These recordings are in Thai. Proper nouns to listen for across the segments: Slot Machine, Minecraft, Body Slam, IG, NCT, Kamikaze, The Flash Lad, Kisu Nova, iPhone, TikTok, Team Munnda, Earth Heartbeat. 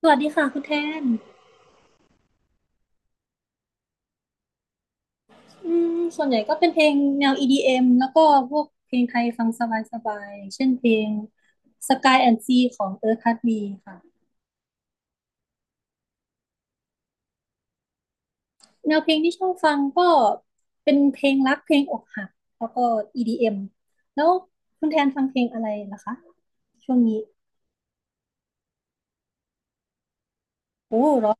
สวัสดีค่ะคุณแทนส่วนใหญ่ก็เป็นเพลงแนว EDM แล้วก็พวกเพลงไทยฟังสบายๆอย่างเช่นเพลง Sky and Sea ของ Earth Heartbeat ค่ะแนวเพลงที่ชอบฟังก็เป็นเพลงรักเพลงอกหักแล้วก็ EDM แล้วคุณแทนฟังเพลงอะไรนะคะช่วงนี้โอ้เหรอ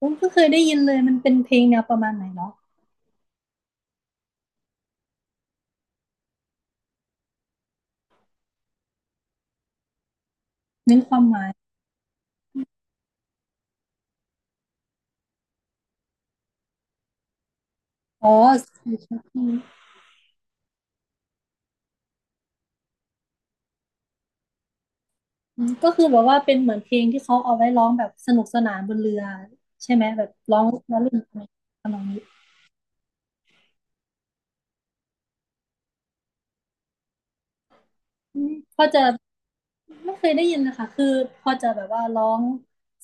ผมเพิ่งเคยได้ยินเลยมันเป็นเพลงแนวประมาณไหนเนาะเน้นความหมายอ๋อ ก็คือแบบว่าเป็นเหมือนเพลงที่เขาเอาไว้ร้องแบบสนุกสนานบนเรือใช่ไหมแบบร้องแล้วเล่นอะไรทำนองนี้พอจะไม่เคยได้ยินนะคะคือพอจะแบบว่าร้อง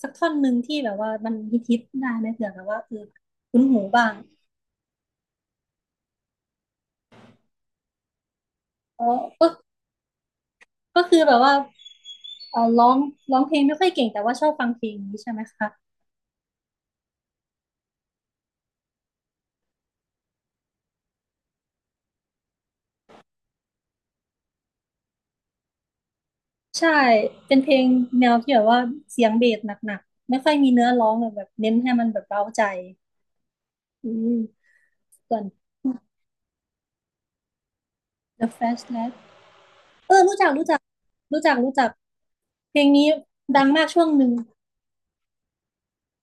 สักท่อนหนึ่งที่แบบว่ามันฮิตๆได้ไหมเผื่อแบบว่าเออคุ้นหูบ้างอ๋อก็ก็คือแบบว่าเออร้องเพลงไม่ค่อยเก่งแต่ว่าชอบฟังเพลงนี้ใช่ไหมคะใช่เป็นเพลงแนวที่แบบว่าเสียงเบสหนักๆไม่ค่อยมีเนื้อร้องแบบเน้นให้มันแบบเร้าใจอืมส่วน The Flash Lad เออรู้จักเพลงนี้ดังมากช่วงหนึ่ง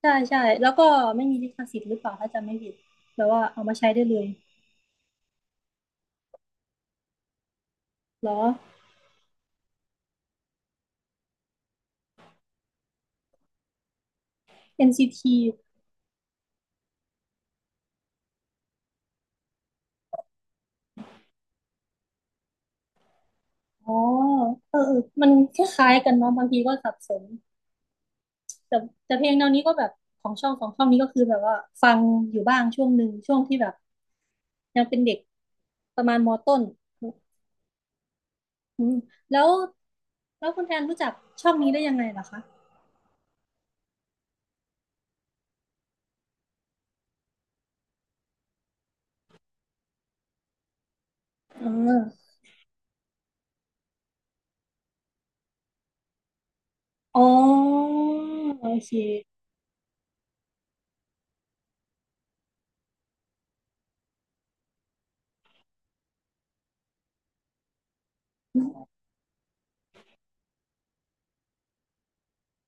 ใช่แล้วก็ไม่มีลิขสิทธิ์หรือเปล่าถ้าจำไม่ผิดแบบว่าเอามาใช้ได้เลยเหรอ NCT อนซีทีอ๋อเออมันคล้ายๆกันเนาะบางทีก็สับสนแต่เพลงแนวนี้ก็แบบของช่องนี้ก็คือแบบว่าฟังอยู่บ้างช่วงหนึ่งช่วงที่แบบยังเป็นเด็กประมาณมต้นอืมแล้วแล้วคุณแทนรู้จักช่องนี้ได้ยังไงล่ะคะเอ๋ออ๋อโอเค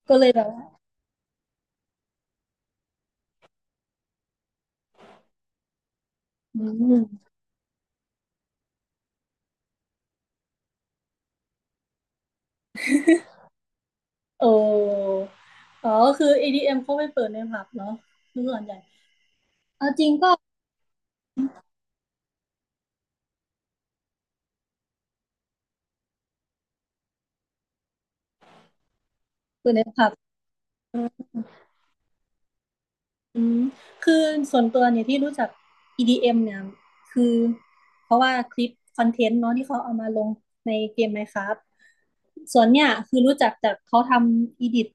ก็เลยแบบว่าอืมโอ้อ๋อก็คือ EDM เอ็มเขาไปเปิดในผับเนาะคือส่วนใหญ่เอาจริงก็เปิดในผับเออ อืมคือส่วนตัวเนี่ยที่รู้จัก EDM เอ็มเนี่ยคือเพราะว่าคลิปคอนเทนต์เนาะที่เขาเอามาลงในเกม Minecraft ส่วนเนี่ยคือรู้จักจากเขาทำอีดิท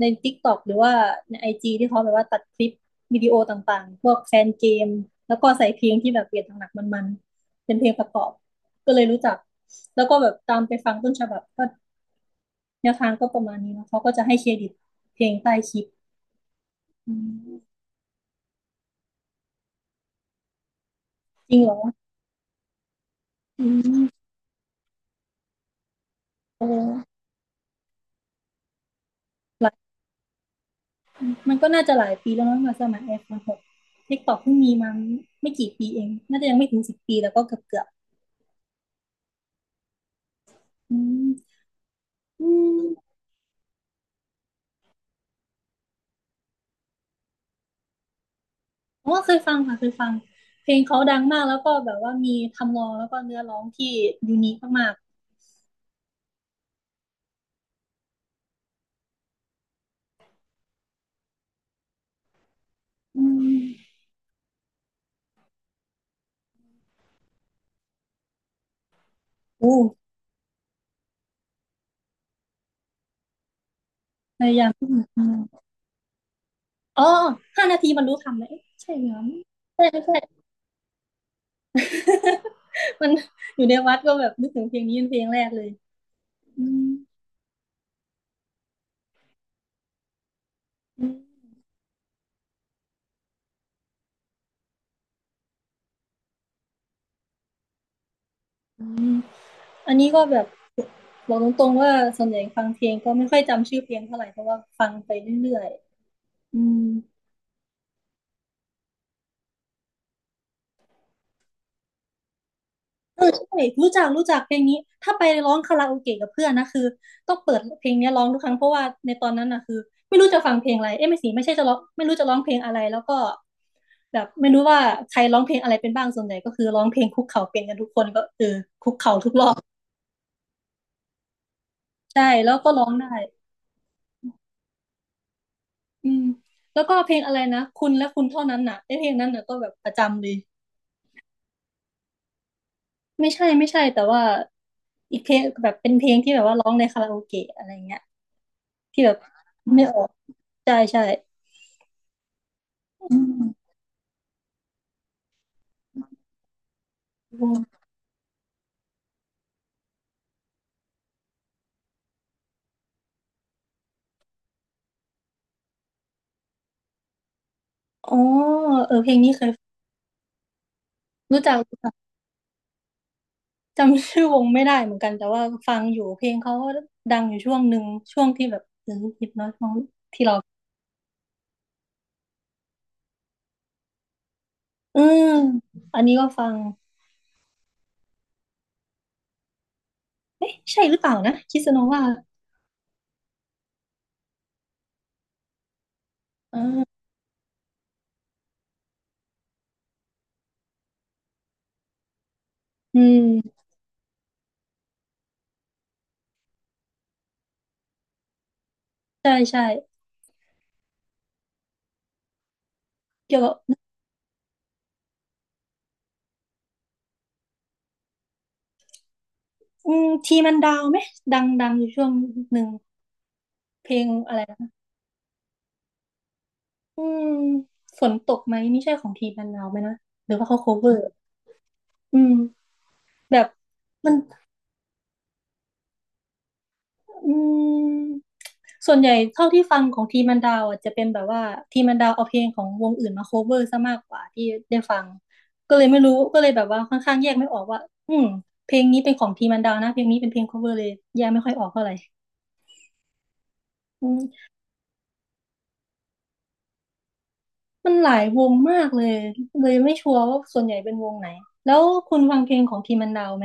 ใน TikTok หรือว่าใน IG ที่เขาแบบว่าตัดคลิปวิดีโอต่างๆพวกแฟนเกมแล้วก็ใส่เพลงที่แบบเบียดหนักๆมันๆเป็นเพลงประกอบก็เลยรู้จักแล้วก็แบบตามไปฟังต้นฉบับก็แนวทางก็ประมาณนี้เนาะเขาก็จะให้เครดิตเพลงใต้คลิปอืมจริงเหรออืม โอ้หลายมันก็น่าจะหลายปีแล้วมั้งมาสมัย iPhone หก TikTok เพิ่งมีมาไม่กี่ปีเองน่าจะยังไม่ถึงสิบปีแล้วก็เกือบเกือบอืมอืมเพาเคยฟังค่ะเคยฟังเพลงเขาดังมากแล้วก็แบบว่ามีทำนองแล้วก็เนื้อร้องที่ยูนิคมากๆอืมโอ้พยายามที่อืมอ๋อห้านาทีมันรู้ทำเลยเอ๊ะใช่เหรอใช่ไม่ใช่ มันอยู่ในวัดก็แบบนึกถึงเพลงนี้เป็นเพลงแรกเลยอืมอืม อันนี้ก็แบบบอกตรงๆว่าส่วนใหญ่ฟังเพลงก็ไม่ค่อยจำชื่อเพลงเท่าไหร่เพราะว่าฟังไปเรื่อยๆอืมเออใช่รู้จักเพลงนี้ถ้าไปร้องคาราโอเกะกับเพื่อนนะคือต้องเปิดเพลงเนี้ยร้องทุกครั้งเพราะว่าในตอนนั้นนะคือไม่รู้จะฟังเพลงอะไรเอ้ยไม่สิไม่ใช่จะร้องไม่รู้จะร้องเพลงอะไรแล้วก็แบบไม่รู้ว่าใครร้องเพลงอะไรเป็นบ้างส่วนใหญ่ก็คือร้องเพลงคุกเข่าเป็นกันทุกคนก็เออคุกเข่าทุกรอบใช่แล้วก็ร้องได้อืมแล้วก็เพลงอะไรนะคุณและคุณเท่านั้นน่ะไอ้เพลงนั้นน่ะก็แบบประจำเลย ไม่ใช่แต่ว่าอีกเพลงแบบเป็นเพลงที่แบบว่าร้องในคาราโอเกะอะไรเงี้ยที่แบบไม่ออกใช่อืมอ๋อเออเพลงนี้เคยรู้จักจำชื่อวงไม่ได้เหมือนกันแต่ว่าฟังอยู่เพลงเขาก็ดังอยู่ช่วงหนึ่งช่วงที่แบบเออฮิปน้อยฟังอืมอันนี้ก็ฟังเอ๊ะใช่หรือเปล่านะคิสโนวาอ่าอืมใช่เกี่ยวกับอืมทีมันดาวไหมดังอยู่ช่วงหนึ่งเพลงอะไร อืมฝนตกไหมนี่ใช่ของทีมมันนาวไหมนะหรือว่าเขา cover อืมแบบมันอืมส่วนใหญ่เท่าที่ฟังของทีมมันดาวอ่ะจะเป็นแบบว่าทีมมันดาวเอาเพลงของวงอื่นมา cover ซะมากกว่าที่ได้ฟังก็เลยไม่รู้ก็เลยแบบว่าค่อนข้างแยกไม่ออกว่าอืมเพลงนี้เป็นของทีมมันดาวนะเพลงนี้เป็นเพลง cover เลยแยกไม่ค่อยออกเท่าไหร่อืมมันหลายวงมากเลยเลยไม่ชัวร์ว่าส่วนใหญ่เป็นวงไหนแล้วคุณฟังเพลงของทีมมันดาวไหม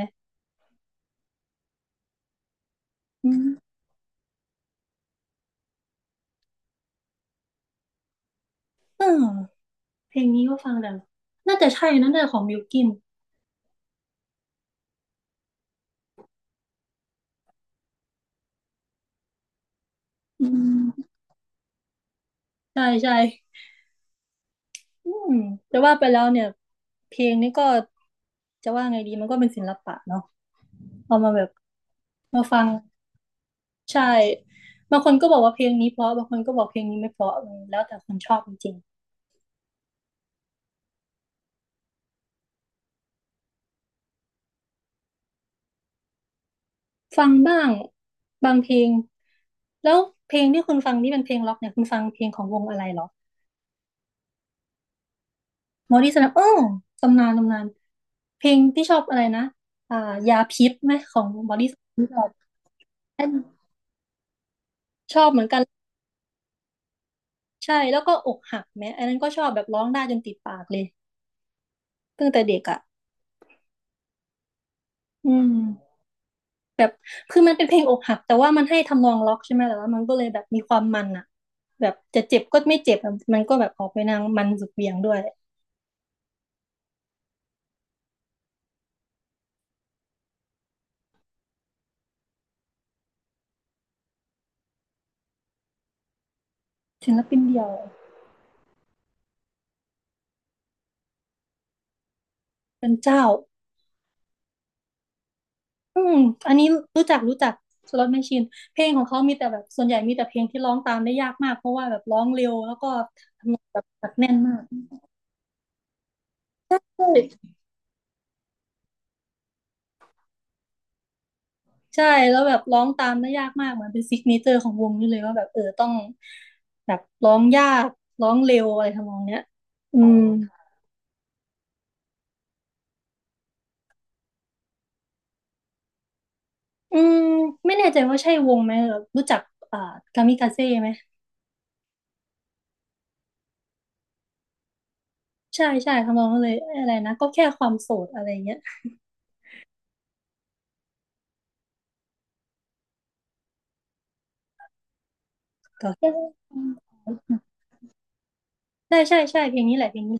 อืมเออ เพลงนี้ก็ฟังแต่น่าจะใช่นะน่าจะของบิลกินอืมใช่ใช่อืมแต่ว่าไปแล้วเนี่ยเพลงนี้ก็จะว่าไงดีมันก็เป็นศิลปะเนาะเอามาแบบมาฟังใช่บางคนก็บอกว่าเพลงนี้เพราะบางคนก็บอกเพลงนี้ไม่เพราะแล้วแต่คนชอบจริงๆฟังบ้างบางเพลงแล้วเพลงที่คุณฟังนี่เป็นเพลงร็อกเนี่ยคุณฟังเพลงของวงอะไรเหรอ หมอดีสนับเออตำนานตำนานเพลงที่ชอบอะไรนะอ่ายาพิษไหมของบอดี้สแลมเต้นชอบเหมือนกันใช่แล้วก็อกหักแม้อันนั้นก็ชอบแบบร้องได้จนติดปากเลยตั้งแต่เด็กอ่ะอืมแบบคือมันเป็นเพลงอกหักแต่ว่ามันให้ทำนองล็อกใช่ไหมแต่ว่ามันก็เลยแบบมีความมันอ่ะแบบจะเจ็บก็ไม่เจ็บอะมันก็แบบออกไปนางมันสุดเหวี่ยงด้วยศิลปินเดียวเป็นเจ้า อืมอันนี้รู้จักรู้จักสล็อตแมชชีนเพลงของเขามีแต่แบบส่วนใหญ่มีแต่เพลงที่ร้องตามได้ยากมากเพราะว่าแบบร้องเร็วแล้วก็แบบหนัดแน่นมากใช่ใช่แล้วแบบร้องตามได้ยากมากเหมือนเป็นซิกเนเจอร์ของวงนี่เลยว่าแบบเออต้องแบบร้องยากร้องเร็วอะไรทำนองเนี้ยอืมอืมไม่แน่ใจว่าใช่วงไหมแบบรู้จักอ่ากามิกาเซ่ไหมใช่ใช่ทำนองนั้นเลยอะไรนะก็แค่ความโสดอะไรเงี้ยก็แค่ใช่ใช่ใช่เพลงนี้แหละเพลงนี้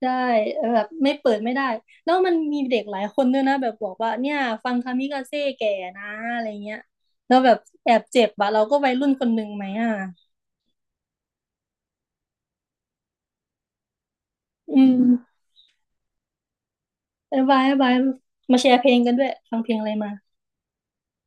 ใช่เออแบบไม่เปิดไม่ได้แล้วมันมีเด็กหลายคนด้วยนะแบบบอกว่าเนี่ยฟังคามิกาเซ่แก่นะอะไรเงี้ยแล้วแบบแอบเจ็บอะเราก็วัยรุ่นคนหนึ่งไหมอ่ะอืมบายบายบายมาแชร์เพลงกันด้วยฟังเพลงอะไรมา